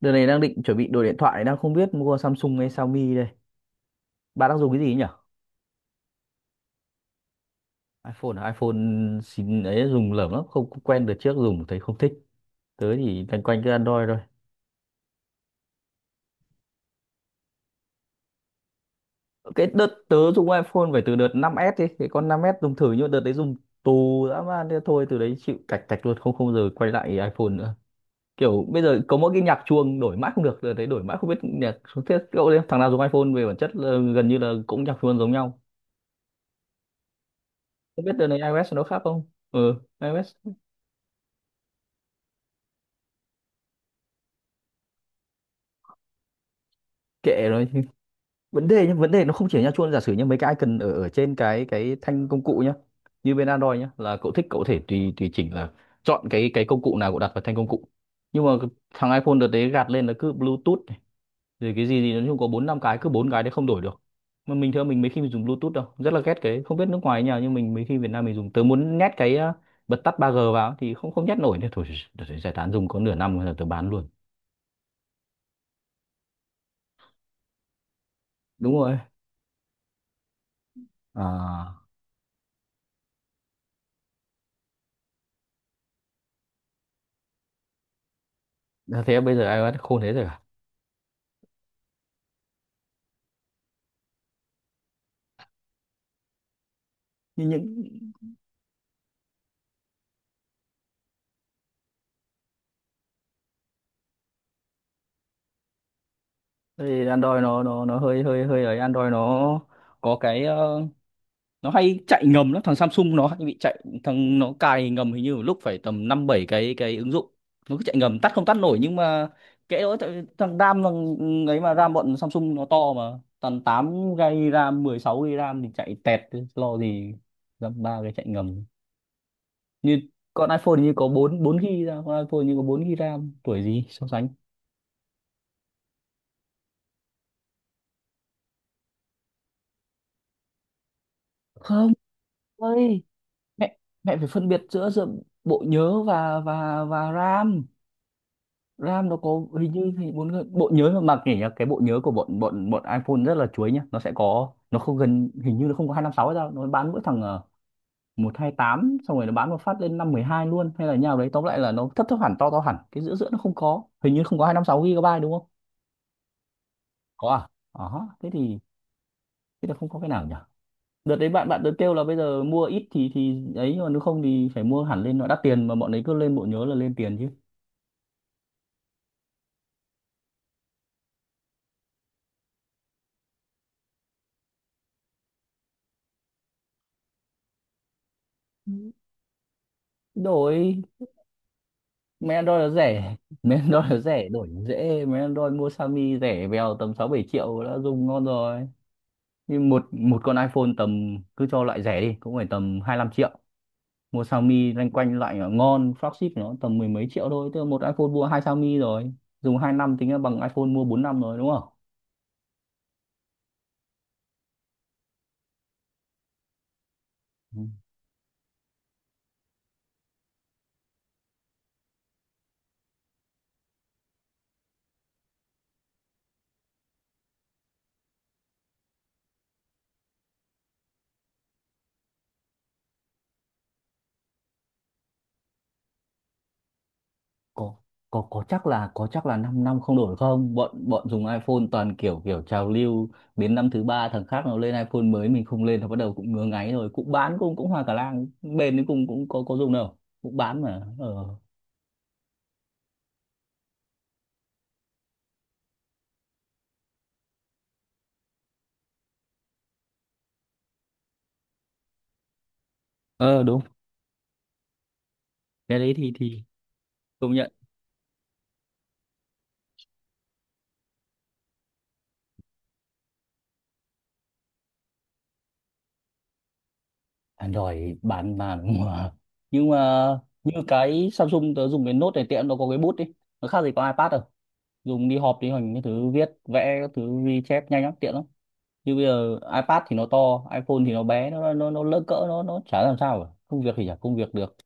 Đợt này đang định chuẩn bị đổi điện thoại, đang không biết mua Samsung hay Xiaomi đây. Bạn đang dùng cái gì nhỉ? iPhone à? iPhone xin ấy dùng lởm lắm, không không quen được, trước dùng thấy không thích. Tớ thì loanh quanh cứ Android thôi. Cái đợt tớ dùng iPhone phải từ đợt 5S đi, cái con 5S dùng thử, nhưng mà đợt đấy dùng tù dã man, thế thôi từ đấy chịu, cạch cạch luôn, không không giờ quay lại iPhone nữa. Kiểu bây giờ có mỗi cái nhạc chuông đổi mãi không được, đợt đấy đổi mãi không biết nhạc xuống thiết cậu đấy, thằng nào dùng iPhone về bản chất là gần như là cũng nhạc chuông giống nhau. Không biết đợt này iOS nó khác không? Ừ, iOS kệ rồi. Vấn đề nhá, vấn đề nó không chỉ ở nha chuông, giả sử như mấy cái icon ở ở trên cái thanh công cụ nhá, như bên Android nhá, là cậu thích cậu có thể tùy tùy chỉnh, là chọn cái công cụ nào cậu đặt vào thanh công cụ. Nhưng mà thằng iPhone đợt đấy gạt lên là cứ Bluetooth này, rồi cái gì gì nói chung có bốn năm cái, cứ bốn cái đấy không đổi được. Mà mình thưa, mình mấy khi mình dùng Bluetooth đâu, rất là ghét cái, không biết nước ngoài như nào nhưng mình mấy khi, Việt Nam mình dùng, tớ muốn nhét cái bật tắt ba g vào thì không không nhét nổi, nữa thôi đợt đấy giải tán, dùng có nửa năm rồi tớ bán luôn. Đúng rồi, à, thế bây giờ iOS khôn thế rồi à? Như những, thì Android nó nó hơi hơi hơi ấy, Android nó có cái nó hay chạy ngầm lắm, thằng Samsung nó hay bị chạy, thằng nó cài ngầm hình như một lúc phải tầm năm bảy cái, ứng dụng nó cứ chạy ngầm, tắt không tắt nổi. Nhưng mà kệ đó, thằng RAM, thằng ấy mà, RAM bọn Samsung nó to mà, tầm 8 GB RAM, 16 GB RAM thì chạy tẹt chứ lo gì dăm ba cái chạy ngầm. Như con iPhone hình như có 4 GB RAM, con iPhone hình như có 4 GB RAM, tuổi gì so sánh. Không, ơi mẹ, mẹ phải phân biệt giữa giữa bộ nhớ và và RAM. RAM nó có hình như thì bộ nhớ mà, mặc nhỉ nhá, cái bộ nhớ của bọn bọn bọn iPhone rất là chuối nhá, nó sẽ có, nó không, gần hình như nó không có 256 hay sao, nó bán mỗi thằng một hai tám, xong rồi nó bán một phát lên năm mười hai luôn, hay là như đấy. Tóm lại là nó thấp thấp hẳn, to to hẳn, cái giữa giữa nó không có, hình như không có 256 GB đúng không? Có à? Ờ, thế thì, thế là không có cái nào nhỉ. Đợt đấy bạn bạn đợt kêu là bây giờ mua ít thì ấy, nhưng mà nếu không thì phải mua hẳn lên, nó đắt tiền mà bọn ấy cứ lên bộ nhớ là lên tiền chứ. Đổi mấy Android nó rẻ, mấy Android nó rẻ đổi nó dễ, mấy Android mua Xiaomi rẻ bèo, tầm sáu bảy triệu đã dùng ngon rồi. Nhưng một một con iPhone tầm, cứ cho loại rẻ đi, cũng phải tầm 25 triệu. Mua Xiaomi loanh quanh loại ngon flagship nó tầm mười mấy triệu thôi, tức là một iPhone mua hai Xiaomi rồi, dùng 2 năm tính là bằng iPhone mua 4 năm rồi đúng không? Ừ. Có, có chắc là, có chắc là 5 năm năm không đổi không? Bọn, bọn dùng iPhone toàn kiểu kiểu trào lưu, đến năm thứ ba thằng khác nó lên iPhone mới, mình không lên nó bắt đầu cũng ngứa ngáy rồi, cũng bán, cũng cũng hoa cả lang, bền đến cùng cũng có dùng đâu, cũng bán mà. Ờ, ờ đúng, cái đấy thì công nhận. Android bán mà, đúng mà. Nhưng mà như cái Samsung tớ dùng, cái Note này tiện, nó có cái bút đi, nó khác gì có iPad đâu, dùng đi họp đi hành, cái thứ viết vẽ các thứ ghi chép nhanh lắm, tiện lắm. Như bây giờ iPad thì nó to, iPhone thì nó bé, nó lỡ cỡ, nó chả làm sao cả, công việc thì chả công việc được.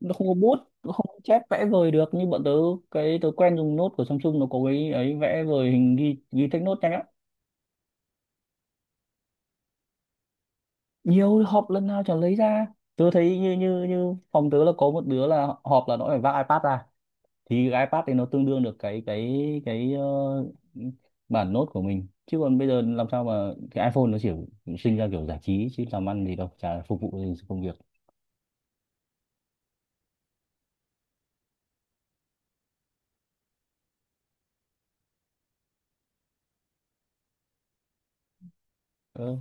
Nó không có bút, nó không có chép vẽ vời được như bọn tớ. Cái tớ quen dùng nốt của Samsung nó có cái ấy, vẽ vời hình, ghi ghi text nốt nhanh lắm. Nhiều, họp lần nào chẳng lấy ra. Tớ thấy như, như phòng tớ là có một đứa là họp là nó phải vác iPad ra, thì cái iPad thì nó tương đương được cái bản nốt của mình, chứ còn bây giờ làm sao mà cái iPhone nó chỉ sinh ra kiểu giải trí chứ làm ăn gì đâu, chả phục vụ gì công việc. Ừ,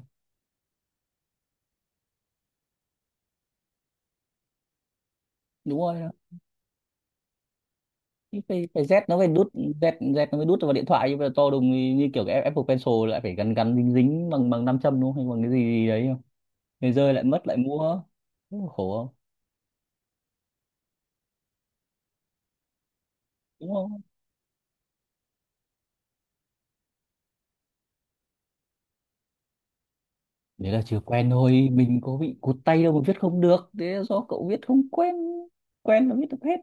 đúng rồi đó. Cái Z nó phải đút, Z nó mới đút vào điện thoại nhưng mà to đùng, thì như kiểu cái Apple Pencil lại phải gắn gắn dính dính bằng bằng nam châm đúng không, hay bằng cái gì đấy không, người rơi lại mất, lại mua. Thế mà khổ không, đúng không? Đấy là chưa quen thôi, mình có bị cụt tay đâu mà viết không được, thế là do cậu viết không quen, quen là viết được hết.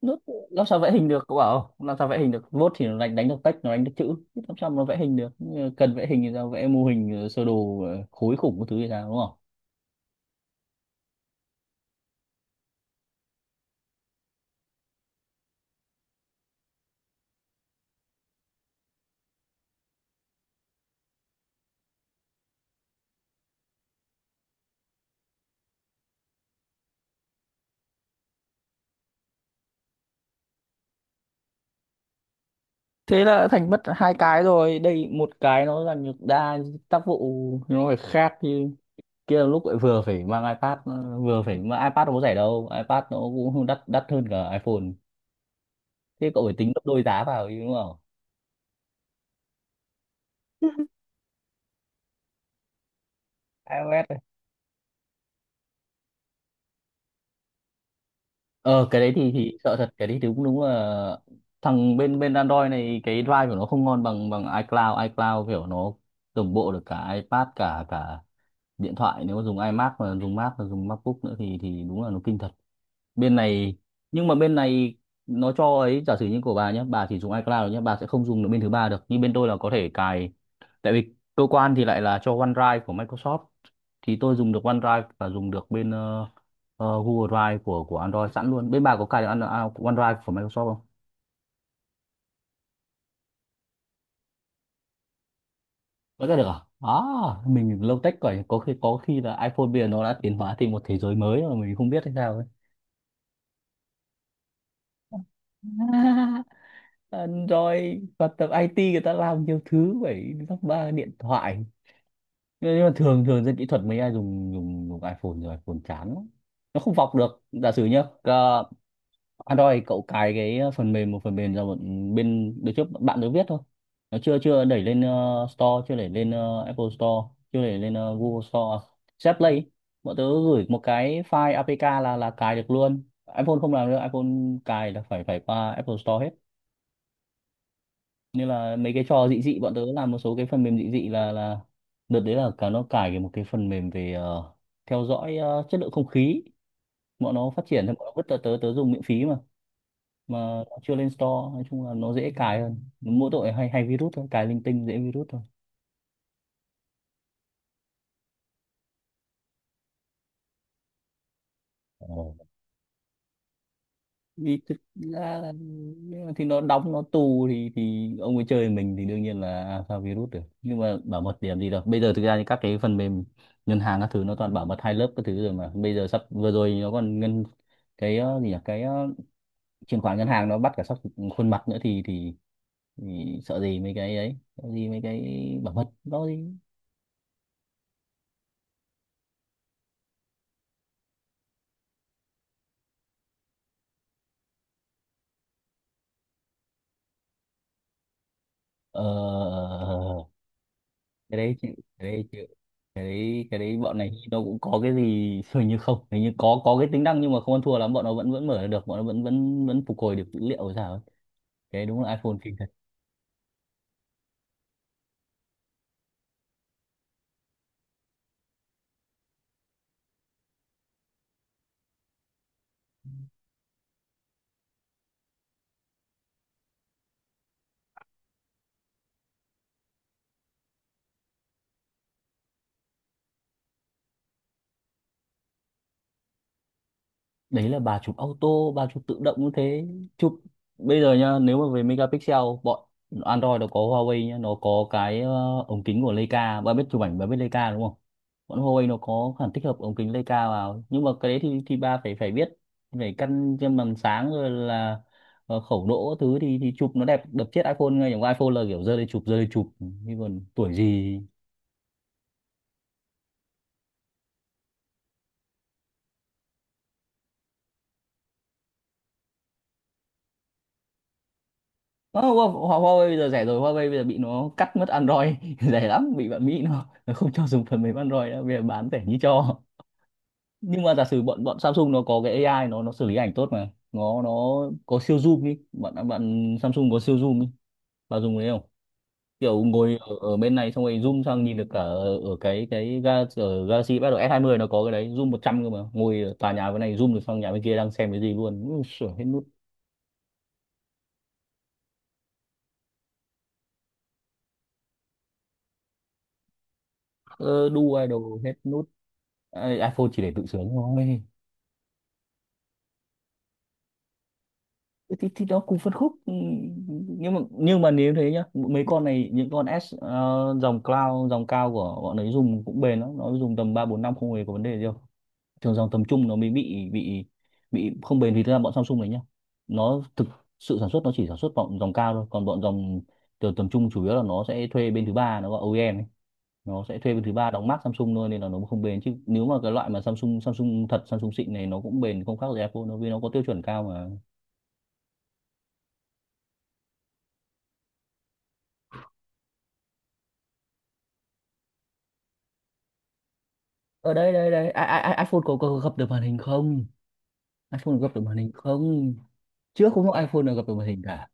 Nốt làm sao vẽ hình được, cậu bảo làm sao vẽ hình được. Nốt thì nó đánh đánh được text, nó đánh được chữ, làm sao mà nó vẽ hình được. Nhưng mà cần vẽ hình thì sao, vẽ mô hình sơ đồ khối khủng cái thứ gì sao, đúng không? Thế là đã thành mất hai cái rồi đây, một cái nó là nhược đa tác vụ, nó phải khác. Như kia là lúc lại vừa phải mang iPad, vừa phải mang iPad, nó có rẻ đâu, iPad nó cũng không đắt, đắt hơn cả iPhone, thế cậu phải tính gấp đôi giá vào chứ đúng không? iOS ấy. Ờ cái đấy thì sợ thật, cái đấy thì cũng đúng là, thằng bên bên Android này, cái drive của nó không ngon bằng bằng iCloud, iCloud kiểu nó đồng bộ được cả iPad, cả cả điện thoại, nếu mà dùng iMac, mà dùng Mac, mà dùng MacBook nữa thì đúng là nó kinh thật. Bên này, nhưng mà bên này nó cho ấy, giả sử như của bà nhé, bà chỉ dùng iCloud nhé, bà sẽ không dùng được bên thứ ba được, nhưng bên tôi là có thể cài. Tại vì cơ quan thì lại là cho OneDrive của Microsoft, thì tôi dùng được OneDrive, và dùng được bên Google Drive của Android sẵn luôn. Bên bà có cài được OneDrive của Microsoft không? Có cài được à? À, mình lâu tech rồi, có khi, là iPhone bây giờ nó đã tiến hóa thành một thế giới mới mà mình không biết hay sao ấy. À, rồi và tập IT người ta làm nhiều thứ, phải lắp ba điện thoại. Ờ, nhưng mà thường thường dân kỹ thuật mấy ai dùng dùng dùng iPhone, rồi iPhone chán lắm. Nó không vọc được, giả sử nhá, Android cậu cài cái phần mềm, một phần mềm ra, một bên đứa trước, bạn đứa viết thôi, nó chưa chưa đẩy lên Store, chưa đẩy lên Apple Store, chưa đẩy lên Google Store Set Play ấy. Bọn tớ gửi một cái file APK là cài được luôn. iPhone không làm được. iPhone cài là phải phải qua Apple Store hết. Như là mấy cái trò dị dị, bọn tớ làm một số cái phần mềm dị dị là đợt đấy là cả nó cài một cái phần mềm về theo dõi chất lượng không khí. Bọn nó phát triển thì bọn nó vứt tớ, tớ dùng miễn phí mà nó chưa lên store. Nói chung là nó dễ cài hơn, mỗi tội hay hay virus thôi, cài linh tinh dễ virus thôi. Vì thực ra là nhưng mà thì nó đóng, nó tù, thì ông ấy chơi mình thì đương nhiên là alpha virus được. Nhưng mà bảo mật điểm gì đâu, bây giờ thực ra thì các cái phần mềm ngân hàng các thứ nó toàn bảo mật hai lớp các thứ rồi mà. Bây giờ sắp vừa rồi nó còn ngân cái gì nhỉ, cái chuyển khoản ngân hàng, nó bắt cả sắp khuôn mặt nữa thì sợ gì mấy cái ấy, sợ gì mấy cái bảo mật đó gì. ờ ờ, ờ, ờ, ờ. Cái đấy chịu, cái đấy cái đấy bọn này nó cũng có cái gì. Hình như không, hình như có cái tính năng nhưng mà không ăn thua lắm. Bọn nó vẫn vẫn mở được, bọn nó vẫn vẫn vẫn phục hồi được dữ liệu rồi sao ấy. Cái đấy đúng là iPhone. Đấy là bà chụp auto, bà chụp tự động như thế. Chụp bây giờ nhá, nếu mà về megapixel, bọn Android nó có Huawei nhá, nó có cái ống kính của Leica. Bà biết chụp ảnh, bà biết Leica đúng không. Bọn Huawei nó có khả năng tích hợp ống kính Leica vào, nhưng mà cái đấy thì bà phải phải biết, phải căn trên màn sáng rồi là khẩu độ các thứ, thì chụp nó đẹp đập chết iPhone ngay. Chẳng qua iPhone là kiểu giơ lên chụp, giơ lên chụp, nhưng còn tuổi gì. Huawei bây giờ rẻ rồi. Huawei bây giờ bị nó cắt mất Android rẻ lắm, bị bạn Mỹ nó không cho dùng phần mềm Android nữa, bây giờ bán rẻ như cho. Nhưng mà giả sử bọn bọn Samsung nó có cái AI, nó xử lý ảnh tốt mà nó có siêu zoom đi, bạn bạn Samsung có siêu zoom đi, bạn dùng cái đấy không. Kiểu ngồi ở bên này xong rồi zoom sang nhìn được cả ở cái ga, ở Galaxy bắt đầu S20 nó có cái đấy, zoom 100 cơ. Mà ngồi ở tòa nhà bên này zoom được sang nhà bên kia đang xem cái gì luôn. Ui, sửa hết nút, ờ, đu AI đồ hết nút. iPhone chỉ để tự sướng thôi. Thì nó cùng phân khúc, ừ, nhưng mà nếu thế nhá, mấy con này, những con S dòng cloud, dòng cao của bọn ấy dùng cũng bền lắm, nó dùng tầm 3 4 năm không hề có vấn đề gì đâu. Thường dòng tầm trung nó mới bị không bền. Vì thực ra bọn Samsung này nhá, nó thực sự sản xuất, nó chỉ sản xuất bọn dòng cao thôi, còn bọn dòng từ tầm trung chủ yếu là nó sẽ thuê bên thứ ba, nó gọi OEM ấy. Nó sẽ thuê bên thứ ba đóng mác Samsung thôi nên là nó không bền. Chứ nếu mà cái loại mà Samsung Samsung thật, Samsung xịn này, nó cũng bền không khác gì Apple, nó vì nó có tiêu chuẩn cao mà. Ở đây đây đây iPhone có gập được màn hình không, iPhone gập được màn hình không? Trước không có iPhone nào gập được màn hình cả.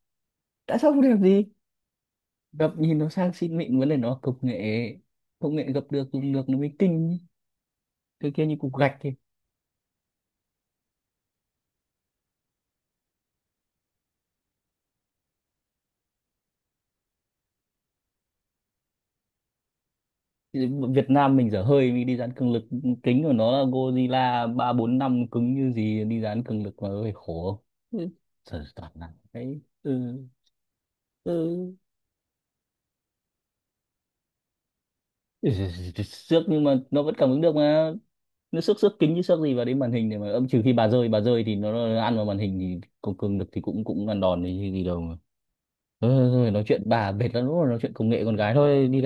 Tại sao không đẹp gì? Gập nhìn nó sang xịn mịn, vấn đề nó công nghệ, công nghệ gập được, dùng được nó mới kinh. Cái kia như cục gạch ấy. Thì Việt Nam mình dở hơi mình đi dán cường lực. Kính của nó là Godzilla 3 4 năm, cứng như gì đi dán cường lực mà hơi khổ. Ừ, sợ toàn là cái ừ. Ừ, xước nhưng mà nó vẫn cảm ứng được mà. Nó xước xước kính chứ xước gì vào đến màn hình để mà âm. Trừ khi bà rơi, bà rơi thì nó ăn vào màn hình thì không cương được thì cũng cũng ăn đòn thì gì đâu mà. Thôi, nói chuyện bà mệt lắm rồi, nói chuyện công nghệ con gái thôi đi.